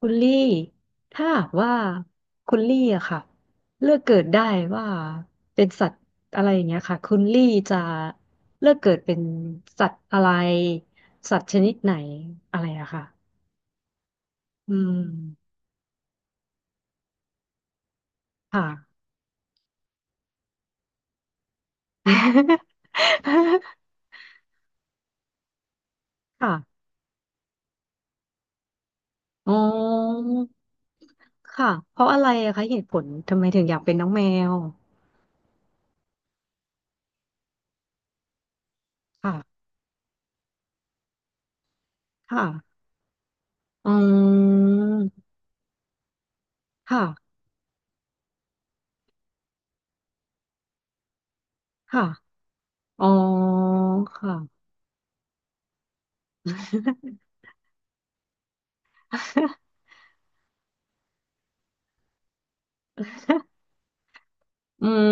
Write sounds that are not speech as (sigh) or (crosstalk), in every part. คุณลี่ถ้าหากว่าคุณลี่อะค่ะเลือกเกิดได้ว่าเป็นสัตว์อะไรอย่างเงี้ยค่ะคุณลี่จะเลือกเกิดเป็นสัตว์อะไรสัตว์ชนิดไหนอะไรอะค่ะอืมค่ะ (laughs) ค่ะอ๋อค่ะเพราะอะไรอะคะเหตุผลทำไมถึงอยากเป็นน้องแมวค่ะค่ะอืมค่ะค่ะอ๋อค่ะ (laughs) อืม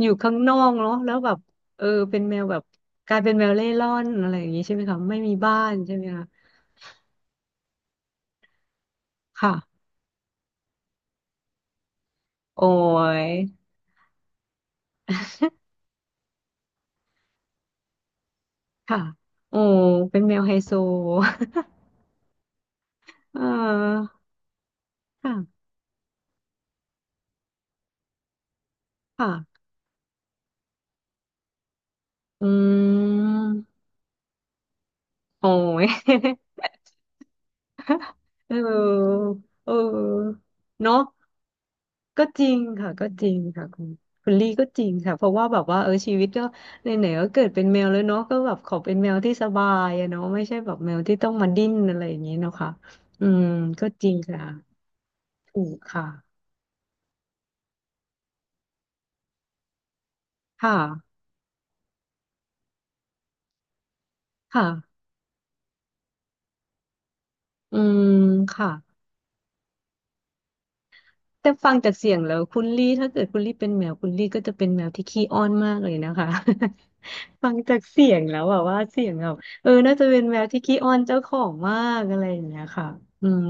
อยู่ข้างนอกเนาะแล้วแบบเออเป็นแมวแบบกลายเป็นแมวเร่ร่อนอะไรอย่างงี้ใช่ไหมคะไม่มีบ้านใช่ไหมคะค่ะโอ้ยค่ะโอ้เป็นแมวไฮโซ (laughs) เออค่ะค่ะอืมโอ้ย (laughs) (laughs) เออเออเนาะก็จริงค่ะก็จริงค่ะคุณลี่ก็จริงค่ะเพราะว่าแบบว่าเออชีวิตก็ไหนๆก็เกิดเป็นแมวแล้วเนาะก็แบบขอเป็นแมวที่สบายอะเนาะไม่ใช่แบบแมวที่ต้องมาดิ้นอะไรอย่างนี้เนาะค่ะอืมก็จริงค่ะถูกค่ะค่ะค่ะอืมค่ะ แต่ฟังจากเสียงแล้วคุณลี่ถ้าเกิดคุณลี่เป็นแมวคุณลี่ก็จะเป็นแมวที่ขี้อ้อนมากเลยนะคะ (laughs) ฟังจากเสียงแล้วอะว่าเสียงแบบเออน่าจะเป็นแมวที่ขี้อ้อนเจ้าของมากอะไรอย่างเงี้ยค่ะอืม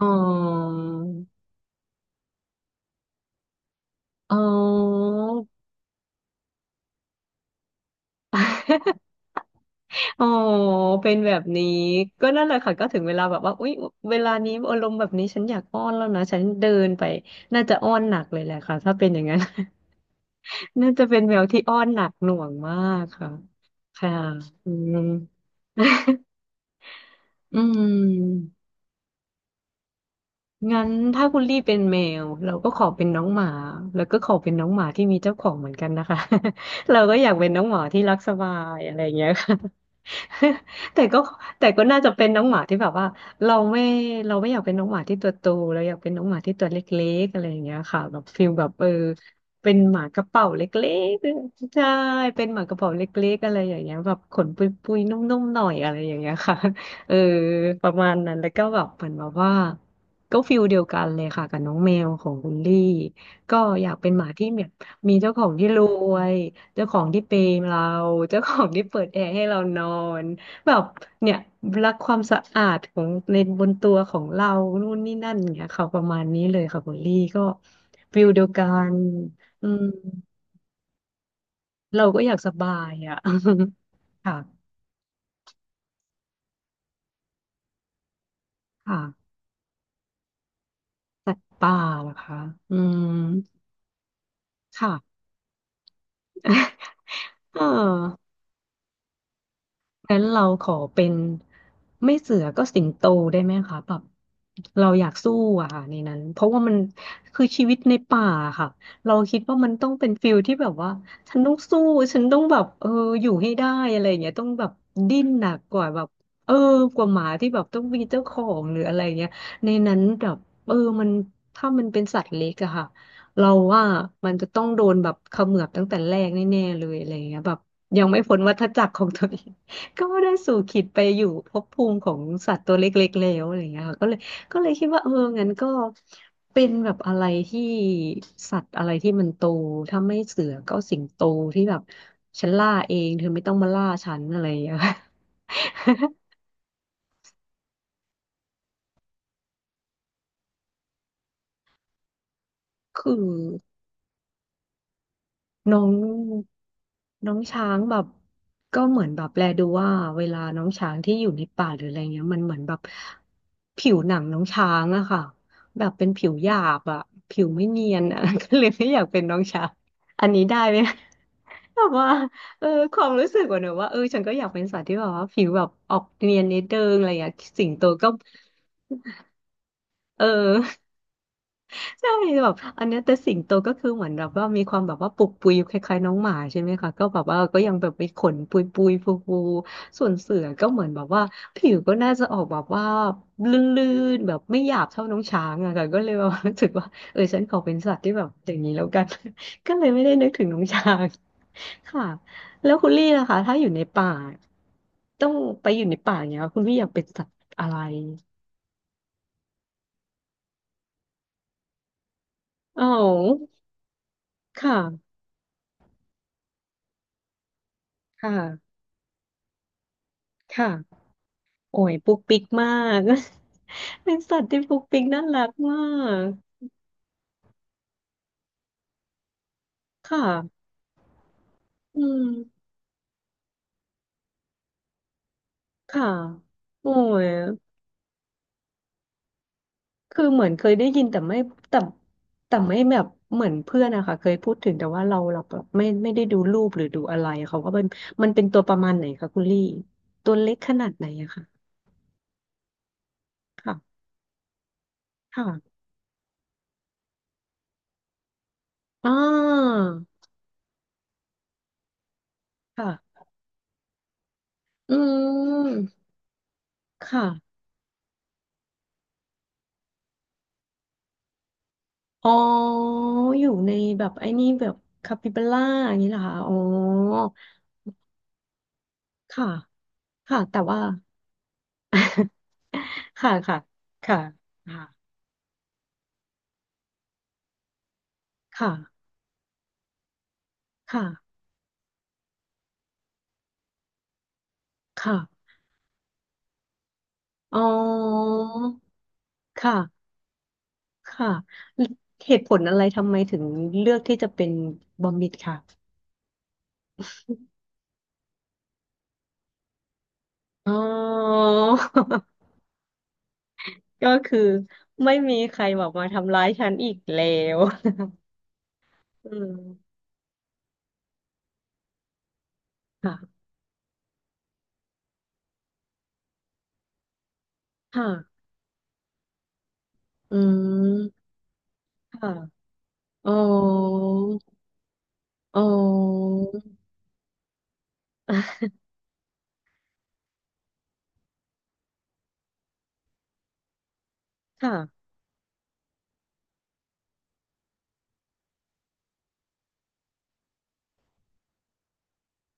อ๋ออ๋ออ๋อเป็นแบบนี้ก็นั่นแหละค่ะก็ถึงเวลาแบบว่าอุ๊ยเวลานี้อารมณ์แบบนี้ฉันอยากอ้อนแล้วนะฉันเดินไปน่าจะอ้อนหนักเลยแหละค่ะถ้าเป็นอย่างนั้น น่าจะเป็นแมวที่อ้อนหนักหน่วงมากค่ะค่ะอืมอืมงั้นถ้าคุณลี่เป็นแมวเราก็ขอเป็นน้องหมาแล้วก็ขอเป็นน้องหมาที่มีเจ้าของเหมือนกันนะคะ (laughs) เราก็อยากเป็นน้องหมาที่รักสบายอะไรอย่างเงี้ยค่ะ (laughs) แต่ก็แต่ก็น่าจะเป็นน้องหมาที่แบบว่าเราไม่เราไม่อยากเป็นน้องหมาที่ตัวโตเราอยากเป็นน้องหมาที่ตัวเล็กๆอะไรอย่างเงี้ยค่ะแบบฟิลแบบเออเป็นหมากระเป๋าเล็กๆใช่เป็นหมากระเป๋าเล็กๆอะไรอย่างเงี้ยแบบขนปุยๆนุ่มๆหน่อยอะไรอย่างเงี้ยค่ะ (laughs) เออประมาณนั้นแล้วก็แบบเหมือนแบบว่าก็ฟิลเดียวกันเลยค่ะกับน้องแมวของคุณลี่ก็อยากเป็นหมาที่เหมียว มีเจ้าของที่รวยเจ้าของที่เปย์เราเจ้าของที่เปิดแอร์ให้เรานอนแบบเนี่ยรักความสะอาดของในบนตัวของเรา นู่นนี่นั่นเนี่ยค่ะประมาณนี้เลยค่ะคุณลี่ก็ฟิลเดียวกันอืมเราก็อยากสบายอ่ะ (laughs) ค่ะค่ะสัตว์ป่าเหรอคะอืมค่ะเออ งั้นเราขอเป็นไม่เสือก็สิงโตได้ไหมคะแบบเราอยากสู้อะค่ะในนั้นเพราะว่ามันคือชีวิตในป่าค่ะเราคิดว่ามันต้องเป็นฟิลที่แบบว่าฉันต้องสู้ฉันต้องแบบเอออยู่ให้ได้อะไรอย่างเงี้ยต้องแบบดิ้นหนักกว่าแบบเออกว่าหมาที่แบบต้องมีเจ้าของหรืออะไรเงี้ยในนั้นแบบเออมันถ้ามันเป็นสัตว์เล็กอะค่ะเราว่ามันจะต้องโดนแบบเขมือบตั้งแต่แรกแน่ๆเลยอะไรอย่างเงี้ยแบบยังไม่พ้นวัฏจักรของตัวเอง ก็ได้สู่ขิตไปอยู่ภพภูมิของสัตว์ตัวเล็กๆแล้วอะไรเงี้ยค่ะก็เลยก็เลยคิดว่าเอองั้นก็เป็นแบบอะไรที่สัตว์อะไรที่มันโตถ้าไม่เสือก็สิงโตที่แบบฉันล่าเองเธอไม่ต้องมาล่าฉันอะไรอย่างเงี้ยคคือ น้องน้องช้างแบบก็เหมือนแบบแลดูว่าเวลาน้องช้างที่อยู่ในป่าหรืออะไรเงี้ยมันเหมือนแบบผิวหนังน้องช้างอะค่ะแบบเป็นผิวหยาบอะผิวไม่เนียนอะ (laughs) ก็เลยไม่อยากเป็นน้องช้างอันนี้ได้ไหมแบบว่าเออความรู้สึกว่าเนอะว่าเออฉันก็อยากเป็นสัตว์ที่แบบว่าผิวแบบออกเนียนนิดเดิงอะไรอย่างเงี้ยสิงโตก็เออ ใช่แบบอันเนี้ยแต่สิงโตก็คือเหมือนแบบว่ามีความแบบว่าปุกปุยคล้ายๆน้องหมาใช่ไหมคะก็แบบว่าก็ยังแบบไปขนปุยปุยฟูฟูส่วนเสือก็เหมือนแบบว่าผิวก็น่าจะออกแบบว่าลื่นๆแบบไม่หยาบเท่าน้องช้างอะค่ะก็เลยแบบว่ารู้สึกว่าเออฉันขอเป็นสัตว์ที่แบบอย่างนี้แล้วกัน (laughs) ก็เลยไม่ได้นึกถึงน้องช้าง (laughs) ค่ะแล้วคุณลี่ล่ะคะถ้าอยู่ในป่าต้องไปอยู่ในป่าอย่างเงี้ยคุณลี่อยากเป็นสัตว์อะไรอ๋อค่ะค่ะค่ะ โอ้ยปุ๊กปิ๊กมาก (laughs) เป็นสัตว์ที่ปุ๊กปิ๊กน่ารักมาก ค่ะอืมค่ะโอ้ยคือเหมือนเคยได้ยินแต่ไม่แต่แต่ไม่แบบเหมือนเพื่อนนะคะเคยพูดถึงแต่ว่าเราแบบไม่ได้ดูรูปหรือดูอะไรเขาก็เป็นมันเป็นตัวประมาณไหนคะคุณลี่ตัวเล็กขนาดไหนอะคะค่ะค่ะอ่าค่ะอืมค่ะ อ๋ออยู่ในแบบไอ้นี่แบบคาปิบาร่าอย่างนี้เหรอคะอ๋อค่ะค่ะแต่ว่าค่ะค่ะค่ะค่ะค่ะค่ะอ๋อค่ะค่ะเหตุผลอะไรทำไมถึงเลือกที่จะเป็นบอมบิดค่ะอ๋อ (laughs) ก็คือไม่มีใครแบบมาทำร้ายฉันอีกแล้ว (laughs) อืมค่ะค่ะอืมค่ะอ๋อ อ๋ออ่ะค่ะ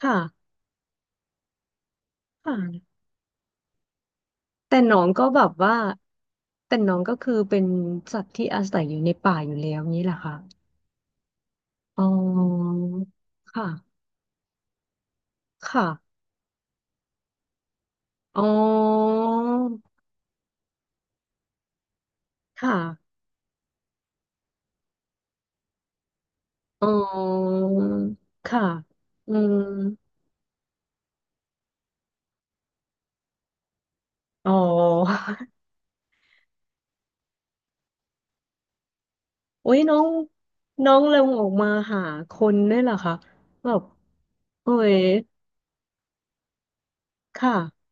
ค่ะค่ะแต่น้องก็แบบว่าแต่น้องก็คือเป็นสัตว์ที่อาศัยอยู่ในป่าอยู่แล้วนี้แหละค่ะอ๋อค่ะค่ะอ๋อค่ะอ๋อค่ะอืมอ๋อ (laughs) โอ้ยน้องน้องเริ่มออกมาหาคนด้วยเหรอคะแบบโอ้ยค่ะ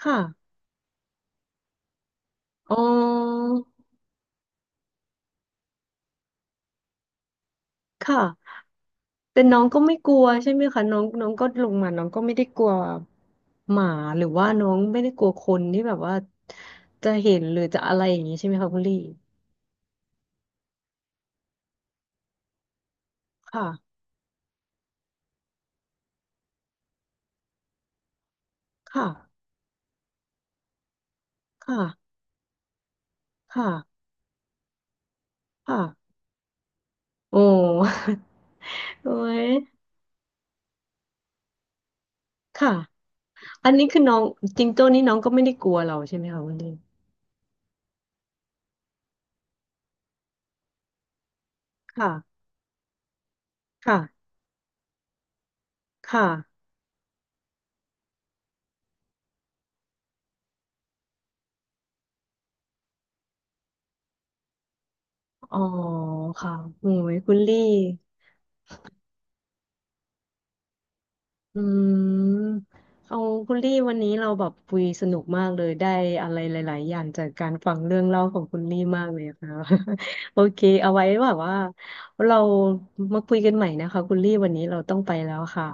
ค่ะอ๋อค่ะ แต่น้องก็ไม่กลัวใช่ไหมคะน้องน้องก็ลงมาน้องก็ไม่ได้กลัวหมาหรือว่าน้องไม่ได้กลัวคนที่แบบว่าจะเห็นหรือจะอะไรอย่างนี้ใช่ไหมคะคุณลี่ค่ะค่ะค่ะค่ะค่ะโอ้ (laughs) โอ้ยค่ะอันนี้คือน้องจิงโจ้นี่น้องก็ไม่ได้กลัวเราใช่ไหมคะคุณลี่ค่ะค่ะค่ะอ๋อค่ะโอ้ยคุณลี่ อืมเอาคุณลี่วันนี้เราแบบคุยสนุกมากเลยได้อะไรหลายๆอย่างจากการฟังเรื่องเล่าของคุณลี่มากเลยค่ะ (laughs) โอเคเอาไว้แบบว่าเรามาคุยกันใหม่นะคะคุณลี่วันนี้เราต้องไปแล้วค่ะ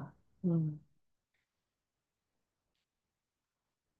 อืม